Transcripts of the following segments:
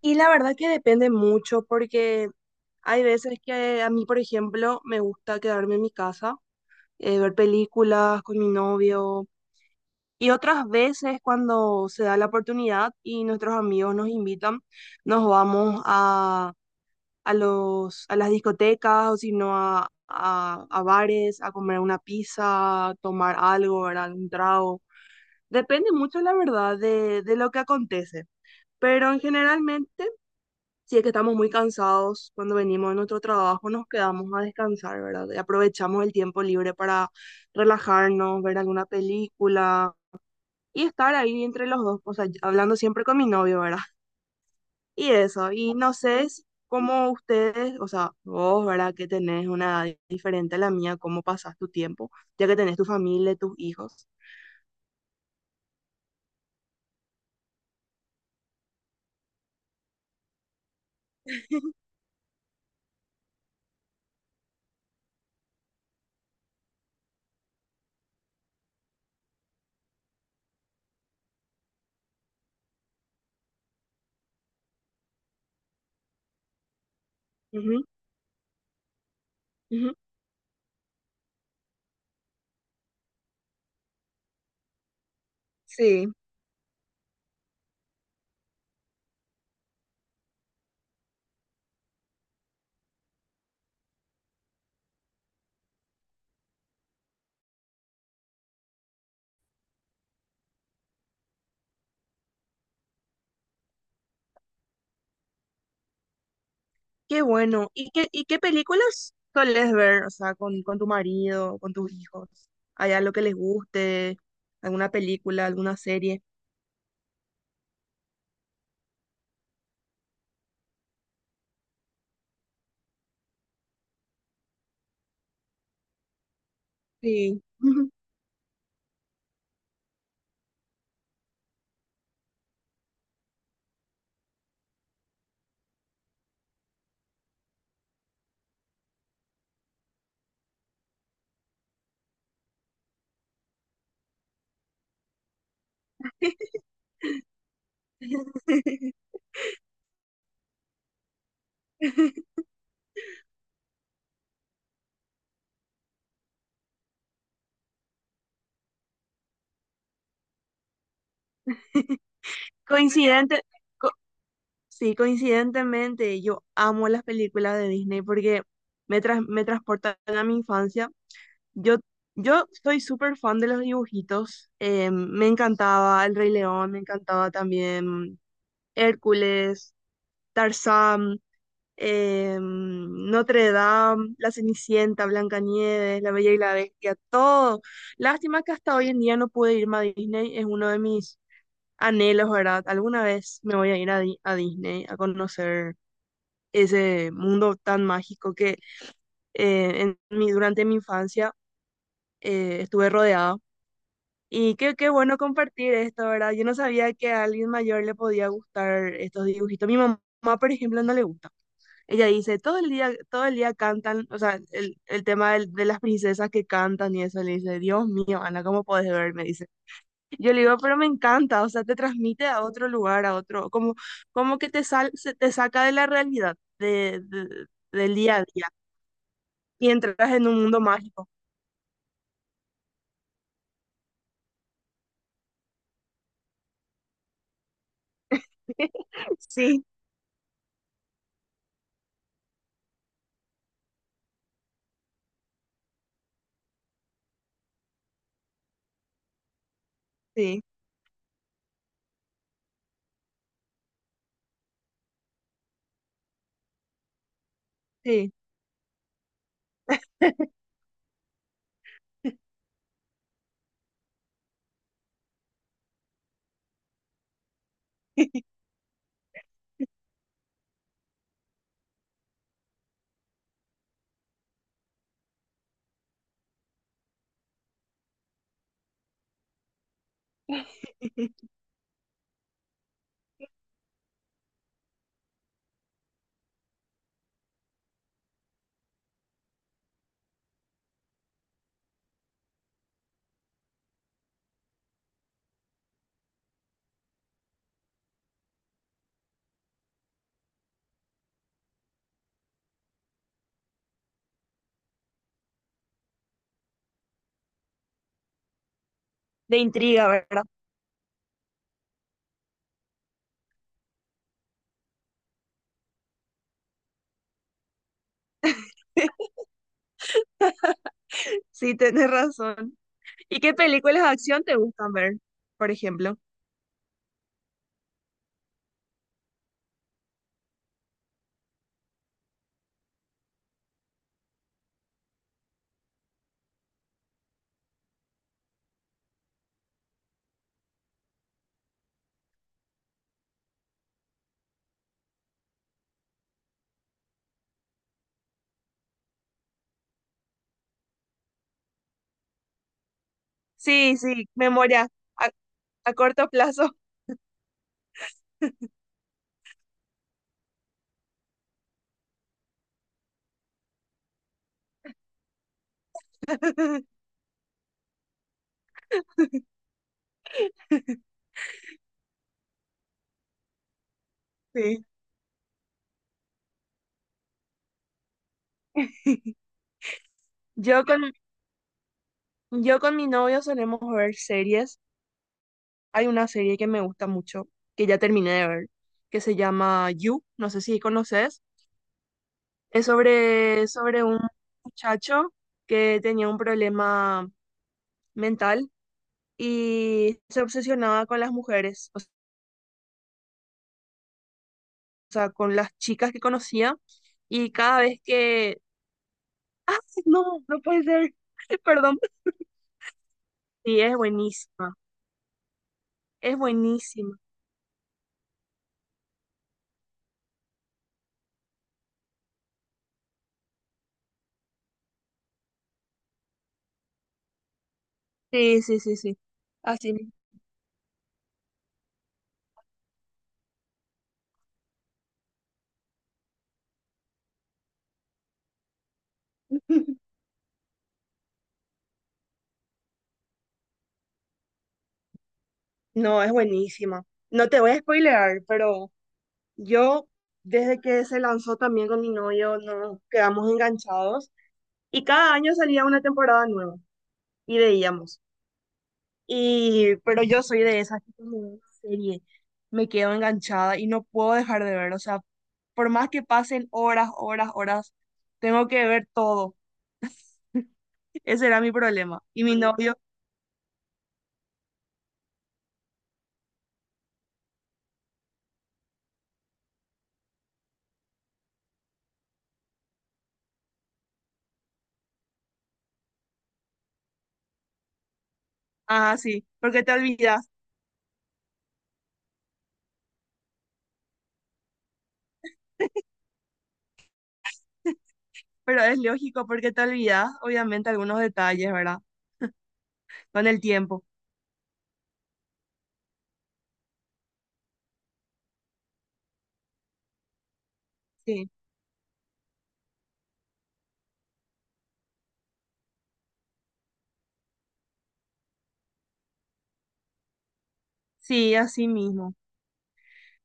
Y la verdad que depende mucho porque hay veces que a mí, por ejemplo, me gusta quedarme en mi casa, ver películas con mi novio y otras veces cuando se da la oportunidad y nuestros amigos nos invitan, nos vamos a las discotecas o si no a bares, a comer una pizza, tomar algo, ¿verdad? Un trago. Depende mucho, la verdad, de lo que acontece. Pero en generalmente... Si es que estamos muy cansados cuando venimos de nuestro trabajo, nos quedamos a descansar, ¿verdad? Y aprovechamos el tiempo libre para relajarnos, ver alguna película y estar ahí entre los dos, o sea, hablando siempre con mi novio, ¿verdad? Y eso, y no sé si- cómo ustedes, o sea, vos, ¿verdad? Que tenés una edad diferente a la mía, cómo pasás tu tiempo, ya que tenés tu familia, tus hijos. Ujú, ujú. Sí. Qué bueno. ¿Y y qué películas solés ver? O sea, con tu marido, con tus hijos. ¿Hay algo que les guste? ¿Alguna película, alguna serie? Sí. Coincidente, co- sí, coincidentemente, yo amo las películas de Disney porque me transportan a mi infancia. Yo, yo soy súper fan de los dibujitos. Me encantaba El Rey León, me encantaba también Hércules, Tarzán, Notre Dame, La Cenicienta, Blancanieves, La Bella y la Bestia, todo. Lástima que hasta hoy en día no pude irme a Disney, es uno de mis anhelos, ¿verdad? Alguna vez me voy a ir a Disney a conocer ese mundo tan mágico que en mi, durante mi infancia estuve rodeada. Y qué bueno compartir esto, ¿verdad? Yo no sabía que a alguien mayor le podía gustar estos dibujitos. Mi mamá, por ejemplo, no le gusta. Ella dice, todo el día cantan, o sea, el tema las princesas que cantan y eso, le dice, Dios mío, Ana, ¿cómo podés ver? Me dice. Yo le digo, pero me encanta, o sea, te transmite a otro lugar, a otro, como, como que te sal, se- te saca de la realidad, del día a día, y entras en un mundo mágico. Sí, sí, sí. De intriga, ¿verdad? Sí, tenés razón. ¿Y qué películas de acción te gustan ver, por ejemplo? Sí, sí, memoria a, a corto plazo. Sí. Yo con, yo con mi novio solemos ver series. Hay una serie que me gusta mucho, que ya terminé de ver, que se llama You, no sé si conoces. Es sobre un muchacho que tenía un problema mental y se obsesionaba con las mujeres, o sea, con las chicas que conocía. Y cada vez que... ¡Ah! No, no puede ser. Perdón. Sí, es buenísima. Es buenísima. Sí, sí, sí, sí. Así mismo. No, es buenísima. No te voy a spoilear, pero yo, desde que se lanzó también con mi novio, nos quedamos enganchados y cada año salía una temporada nueva y veíamos. Y, pero yo soy de esas que cuando veo una serie, me quedo enganchada y no puedo dejar de ver. O sea, por más que pasen horas, horas, horas, tengo que ver todo. Ese era mi problema. Y mi novio, ah, sí, porque te olvidas. Pero es lógico porque te olvidas, obviamente, algunos detalles, ¿verdad? Con el tiempo. Sí. Sí, así mismo.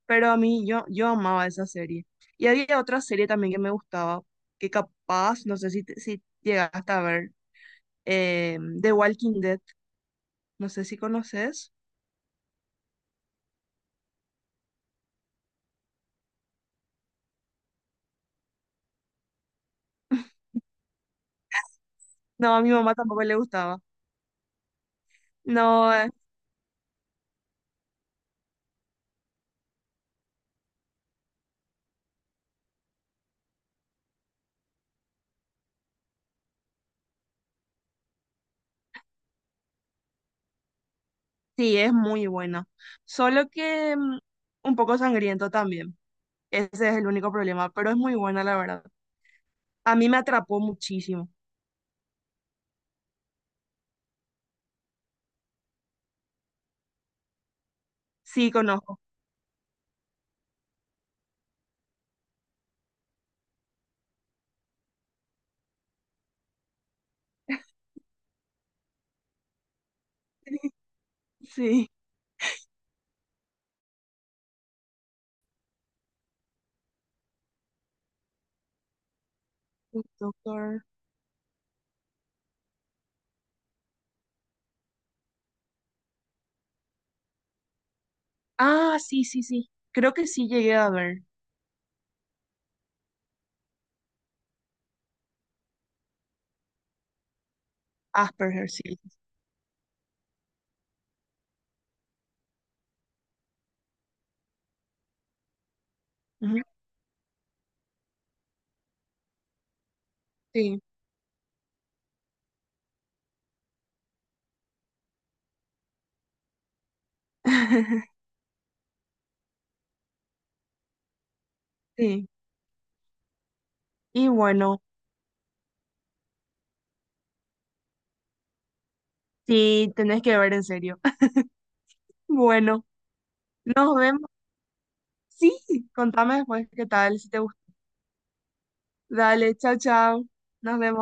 Pero a mí, yo amaba esa serie. Y había otra serie también que me gustaba, que capaz, no sé si, te- si llegaste a ver, The Walking Dead. No sé si conoces. No, a mi mamá tampoco le gustaba. No, sí, es muy buena. Solo que mm, un poco sangriento también. Ese es el único problema, pero es muy buena, la verdad. A mí me atrapó muchísimo. Sí, conozco. Sí. El doctor. Ah, sí, sí, sí. Creo que sí llegué a ver Asperger, sí. Ujú. Sí, sí. Y bueno, sí, tenés que ver en serio. Bueno, nos vemos. Sí, contame después qué tal, si te gusta. Dale, chao, chao. Nos vemos.